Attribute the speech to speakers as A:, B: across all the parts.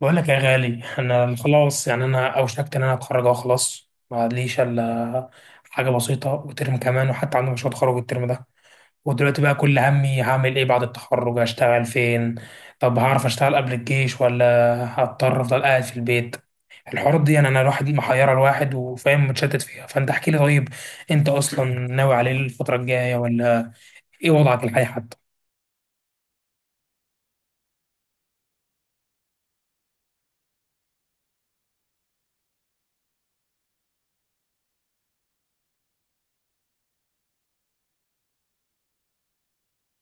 A: بقول لك يا غالي. انا خلاص، يعني انا اوشكت ان انا اتخرج اهو، خلاص ما ليش الا حاجه بسيطه وترم كمان، وحتى عندي مشروع تخرج الترم ده. ودلوقتي بقى كل همي هعمل ايه بعد التخرج؟ اشتغل فين؟ طب هعرف اشتغل قبل الجيش ولا هضطر افضل قاعد في البيت؟ الحوارات دي يعني انا الواحد محيره الواحد، وفاهم متشتت فيها. فانت احكي لي طيب، انت اصلا ناوي على ايه الفتره الجايه؟ ولا ايه وضعك الحالي حتى؟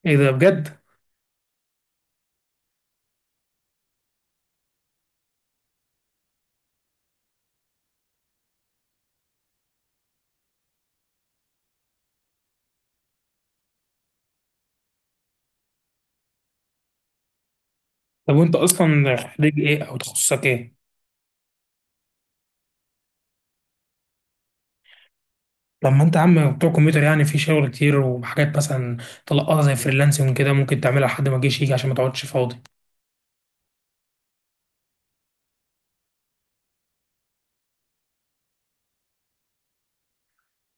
A: ايه ده بجد؟ طب وانت اصلا خريج ايه او تخصصك ايه؟ لما انت عم بتوع كمبيوتر يعني في شغل كتير وحاجات مثلا تلقطها زي فريلانسنج كده ممكن تعملها لحد ما الجيش يجي عشان ما تقعدش فاضي.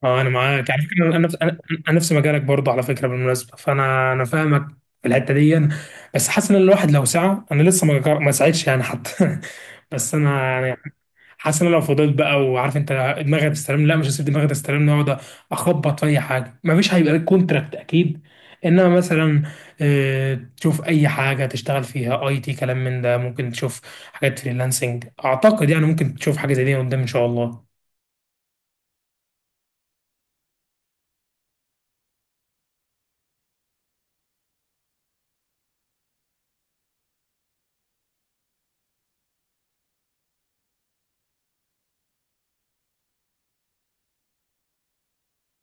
A: اه انا معاك، يعني انا نفس انا. أنا نفس مجالك برضه على فكره، بالمناسبه، فانا فاهمك في الحته دي. بس حاسس ان الواحد لو سعى، انا لسه ما سعيتش يعني حتى. بس انا يعني حاسس ان انا لو فضلت بقى، وعارف انت دماغي هتستلم، لا مش هسيب دماغي تستلم. اقعد اخبط في اي حاجه مفيش هيبقى لك كونتراكت اكيد. انما مثلا تشوف اي حاجه تشتغل فيها، اي تي، كلام من ده، ممكن تشوف حاجات فريلانسنج اعتقد، يعني ممكن تشوف حاجه زي دي قدام ان شاء الله.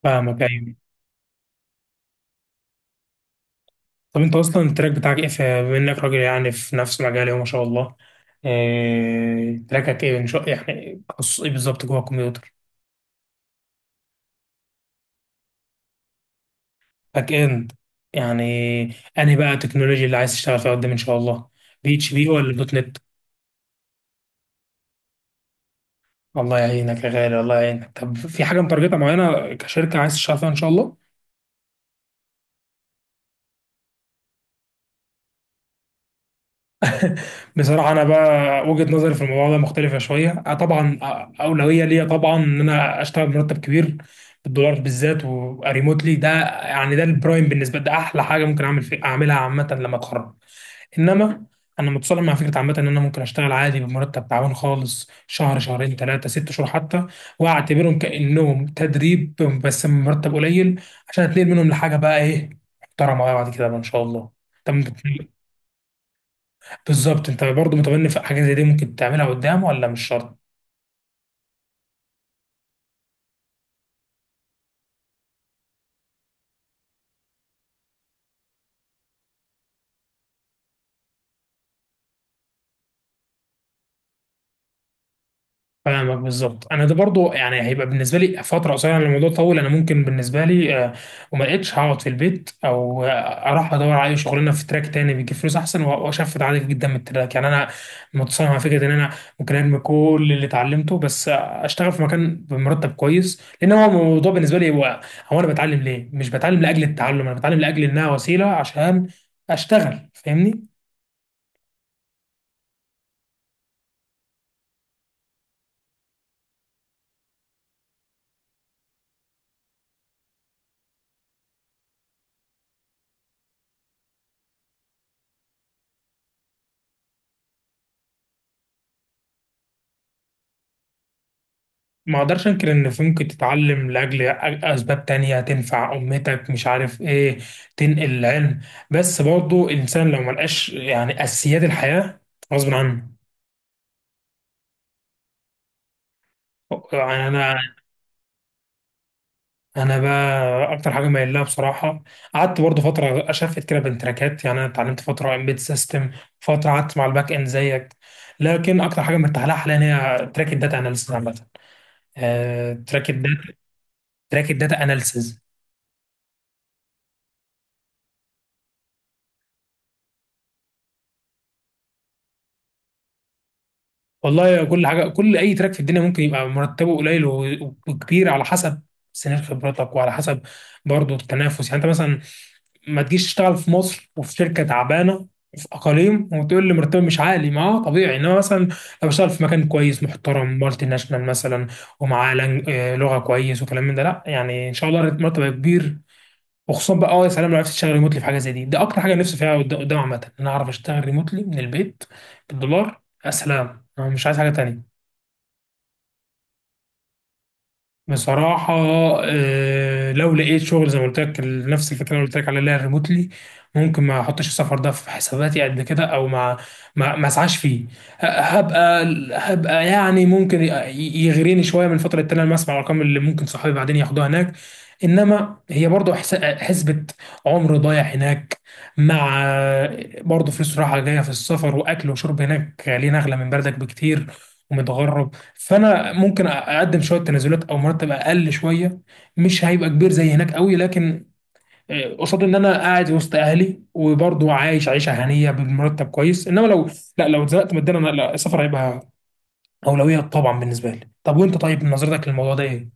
A: فاهمك، ايوه. طب انت اصلا التراك بتاعك ايه بما انك راجل يعني في نفس مجالي وما شاء الله؟ تراكك ايه ان شاء، يعني تخصص ايه بالظبط جوه الكمبيوتر؟ باك اند؟ يعني انهي بقى التكنولوجيا اللي عايز تشتغل فيها قدام ان شاء الله؟ بي اتش بي ولا دوت نت؟ الله يعينك يا غالي، الله يعينك. طب في حاجه متارجتها معينه كشركه عايز تشتغل فيها ان شاء الله؟ بصراحه انا بقى وجهه نظري في الموضوع ده مختلفه شويه. طبعا اولويه ليا طبعا ان انا اشتغل بمرتب كبير بالدولار بالذات وريموتلي. ده يعني ده البرايم بالنسبه لي، ده احلى حاجه ممكن اعمل في اعملها عامه لما اتخرج. انما انا متصالح مع فكره عامه ان انا ممكن اشتغل عادي بمرتب تعبان خالص شهر، شهرين، ثلاثه، ست شهور حتى، واعتبرهم كانهم تدريب بس مرتب قليل، عشان اتنقل منهم لحاجه بقى ايه، محترمه بقى بعد كده بقى ان شاء الله. طب انت- بالظبط انت برضه متمني في حاجه زي دي ممكن تعملها قدام ولا مش شرط؟ فاهمك بالظبط. انا ده برضو يعني هيبقى بالنسبه لي فتره قصيره، لأن الموضوع طول انا ممكن بالنسبه لي وما لقيتش هقعد في البيت، او اروح ادور على اي شغلانه في تراك تاني بيجيب فلوس احسن واشفت عادي جدا من التراك. يعني انا متصالح مع فكره ان انا ممكن ارمي كل اللي اتعلمته بس اشتغل في مكان بمرتب كويس. لان هو الموضوع بالنسبه لي هو هو انا بتعلم ليه؟ مش بتعلم لاجل التعلم، انا بتعلم لاجل انها وسيله عشان اشتغل، فاهمني؟ ما اقدرش انكر ان في ممكن تتعلم اسباب تانية تنفع امتك، مش عارف ايه، تنقل العلم، بس برضه الانسان لو ملقاش يعني اساسيات الحياة غصب عنه. يعني انا انا بقى اكتر حاجه مايل لها بصراحه، قعدت برضه فتره اشفت كده بين تراكات، يعني انا اتعلمت فتره امبيد سيستم، فتره قعدت مع الباك اند زيك، لكن اكتر حاجه مرتاح لها حاليا هي تراك الداتا اناليسيس عامه. تراك الداتا، تراك الداتا اناليسيس. والله كل حاجه، كل اي تراك في الدنيا ممكن يبقى مرتبه قليل وكبير، على حسب سنين خبرتك وعلى حسب برضه التنافس. يعني انت مثلا ما تجيش تشتغل في مصر وفي شركه تعبانه في اقاليم وتقول لي مرتبي مش عالي، ما هو طبيعي. انما مثلا لو اشتغل في مكان كويس محترم، مالتي ناشونال مثلا، ومعاه لغه كويس وكلام من ده، لا يعني ان شاء الله مرتب كبير. وخصوصا بقى اه يا سلام لو عرفت تشتغل ريموتلي في حاجه زي دي، ده اكتر حاجه نفسي فيها قدام عامه، ان انا اعرف اشتغل ريموتلي من البيت بالدولار. يا سلام، انا مش عايز حاجه تانية. بصراحة لو لقيت شغل زي ما قلت لك، نفس الفكرة اللي قلت لك عليها، اللي هي ريموتلي، ممكن ما احطش السفر ده في حساباتي قد كده، او ما ما اسعاش فيه. هبقى، هبقى يعني ممكن يغريني شوية من فترة التانية لما اسمع الارقام اللي ممكن صحابي بعدين ياخدوها هناك. انما هي برضه حسبة عمر ضايع هناك، مع برضه فلوس رايحة جاية في السفر، واكل وشرب هناك غاليين اغلى من بلدك بكتير، ومتغرب. فانا ممكن اقدم شويه تنازلات او مرتب اقل شويه، مش هيبقى كبير زي هناك قوي، لكن قصاد ان انا قاعد وسط اهلي وبرضه عايش عيشه هنيه بمرتب كويس. انما لو لا، لو اتزنقت ماديا انا، لا السفر هيبقى اولويه طبعا بالنسبه لي. طب وانت طيب نظرتك للموضوع ده ايه؟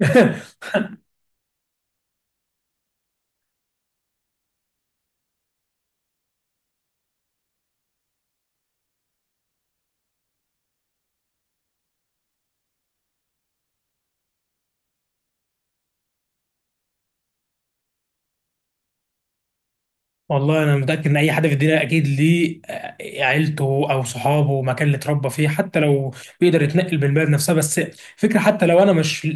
A: والله انا متاكد ان اي حد في الدنيا اكيد ليه عيلته او صحابه مكان اللي اتربى فيه، حتى لو بيقدر يتنقل بالبلد نفسها بس فكره. حتى لو انا مش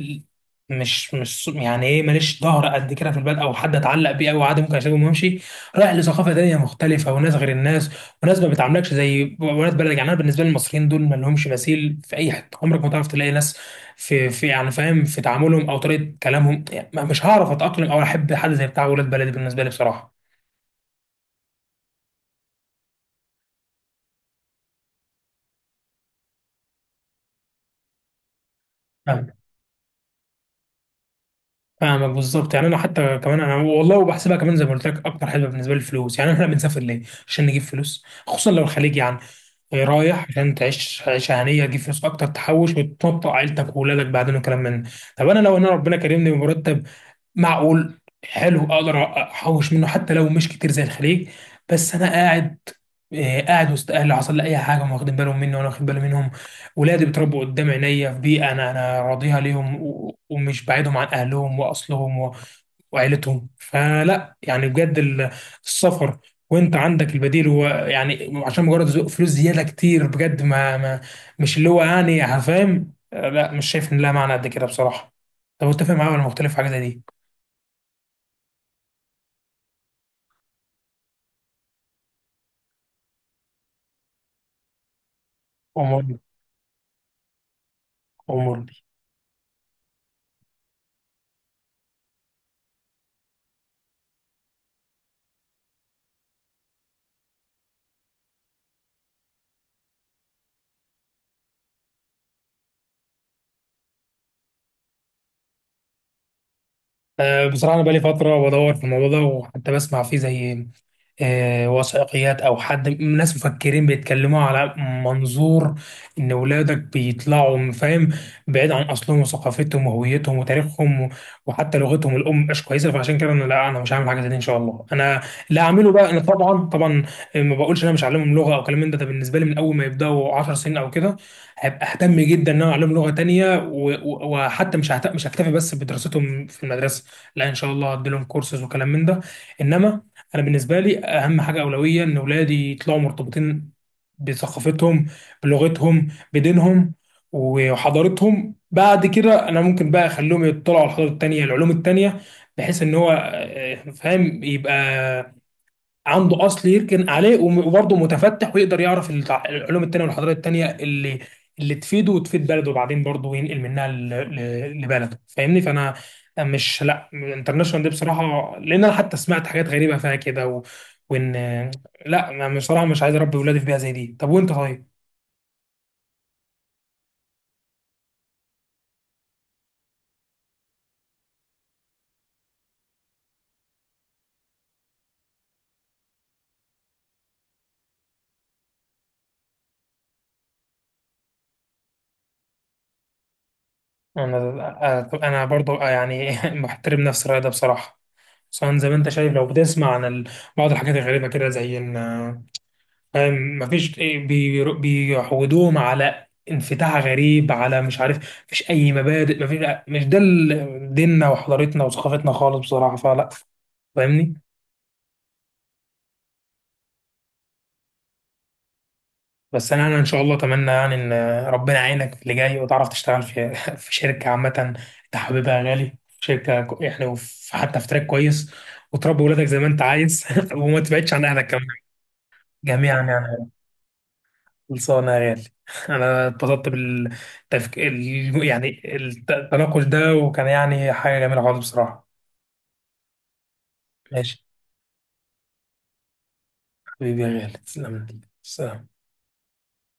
A: مش مش يعني ايه، ماليش ظهر قد كده في البلد او حد اتعلق بيه، او عادي ممكن اسيبهم وامشي رايح لثقافه تانيه مختلفه وناس غير الناس، وناس ما بتعاملكش زي ولاد بلد. يعني انا بالنسبه لي المصريين دول ما لهمش مثيل في اي حته. عمرك ما تعرف تلاقي ناس في يعني، فاهم، في تعاملهم او طريقه كلامهم. يعني مش هعرف اتاقلم او احب حد زي بتاع ولاد بلدي بالنسبه لي بصراحه. فاهمك بالظبط. يعني انا حتى كمان انا والله وبحسبها كمان، زي ما قلت لك اكتر حسبه بالنسبه لي الفلوس، يعني احنا بنسافر ليه؟ عشان نجيب فلوس، خصوصا لو الخليج. يعني رايح عشان تعيش عيشه هنيه، تجيب فلوس اكتر، تحوش وتنطق عيلتك واولادك بعدين، وكلام من ده. طب انا لو انا ربنا كرمني بمرتب معقول حلو اقدر احوش منه حتى لو مش كتير زي الخليج، بس انا قاعد قاعد وسط اهلي. حصل لي اي حاجه هم واخدين بالهم مني وانا واخد بالي منهم. ولادي بيتربوا قدام عينيا في بيئه انا انا راضيها ليهم، ومش بعيدهم عن اهلهم واصلهم وعيلتهم. فلا يعني بجد السفر، وانت عندك البديل، هو يعني عشان مجرد فلوس زياده كتير بجد، ما مش اللي هو يعني، فاهم، لا مش شايف ان لها معنى قد كده بصراحه. طب انت فاهم معايا ولا مختلف في حاجه زي دي؟ أموري، أموري. بصراحة أنا بقالي فترة بدور في الموضوع ده، وحتى بسمع فيه زي وثائقيات أو حد ناس مفكرين بيتكلموا على منظور إن ولادك بيطلعوا، فاهم، بعيد عن أصلهم وثقافتهم وهويتهم وتاريخهم وحتى لغتهم الأم مش كويسة. فعشان كده أنا لا، أنا مش هعمل حاجة زي دي إن شاء الله. أنا اللي هعمله بقى أنا طبعا طبعا ما بقولش إن أنا مش هعلمهم لغة أو كلام من ده. ده بالنسبة لي من أول ما يبدأوا 10 سنين أو كده هبقى اهتم جدا ان انا اعلمهم لغه تانية، وحتى مش مش هكتفي بس بدراستهم في المدرسه، لا ان شاء الله هديلهم كورسز وكلام من ده. انما انا بالنسبه لي اهم حاجه اولويه ان اولادي يطلعوا مرتبطين بثقافتهم، بلغتهم، بدينهم، وحضارتهم. بعد كده انا ممكن بقى اخليهم يطلعوا على الحضاره التانيه، العلوم التانيه، بحيث ان هو فاهم يبقى عنده اصل يركن عليه، وبرضه متفتح ويقدر يعرف العلوم التانية والحضارات التانية اللي اللي تفيده وتفيد بلده، وبعدين برضه ينقل منها لبلده. فاهمني؟ فانا مش، لا انترناشونال دي بصراحة، لان انا حتى سمعت حاجات غريبة فيها كده. و... وان لا، انا بصراحة مش عايز اربي ولادي في بيئة زي دي. طب وانت طيب؟ انا انا برضه يعني محترم نفس الرأي ده بصراحة، خصوصا زي ما انت شايف لو بتسمع عن بعض الحاجات الغريبة كده، زي ان مفيش بيعودوهم على انفتاح غريب على مش عارف، مفيش اي مبادئ، مفيش، مش ده ديننا وحضارتنا وثقافتنا خالص بصراحه فلا، فاهمني. بس انا انا ان شاء الله اتمنى يعني ان ربنا يعينك في اللي جاي، وتعرف تشتغل في في شركه عامه انت حاببها يا غالي، يعني حتى في تراك كويس، وتربي ولادك زي ما انت عايز وما تبعدش عن اهلك كمان، جميعا يعني. خلصانة يا غالي. أنا اتبسطت يعني التناقش ده، وكان يعني حاجة جميلة خالص بصراحة. ماشي، حبيبي يا غالي، تسلم لي سلام.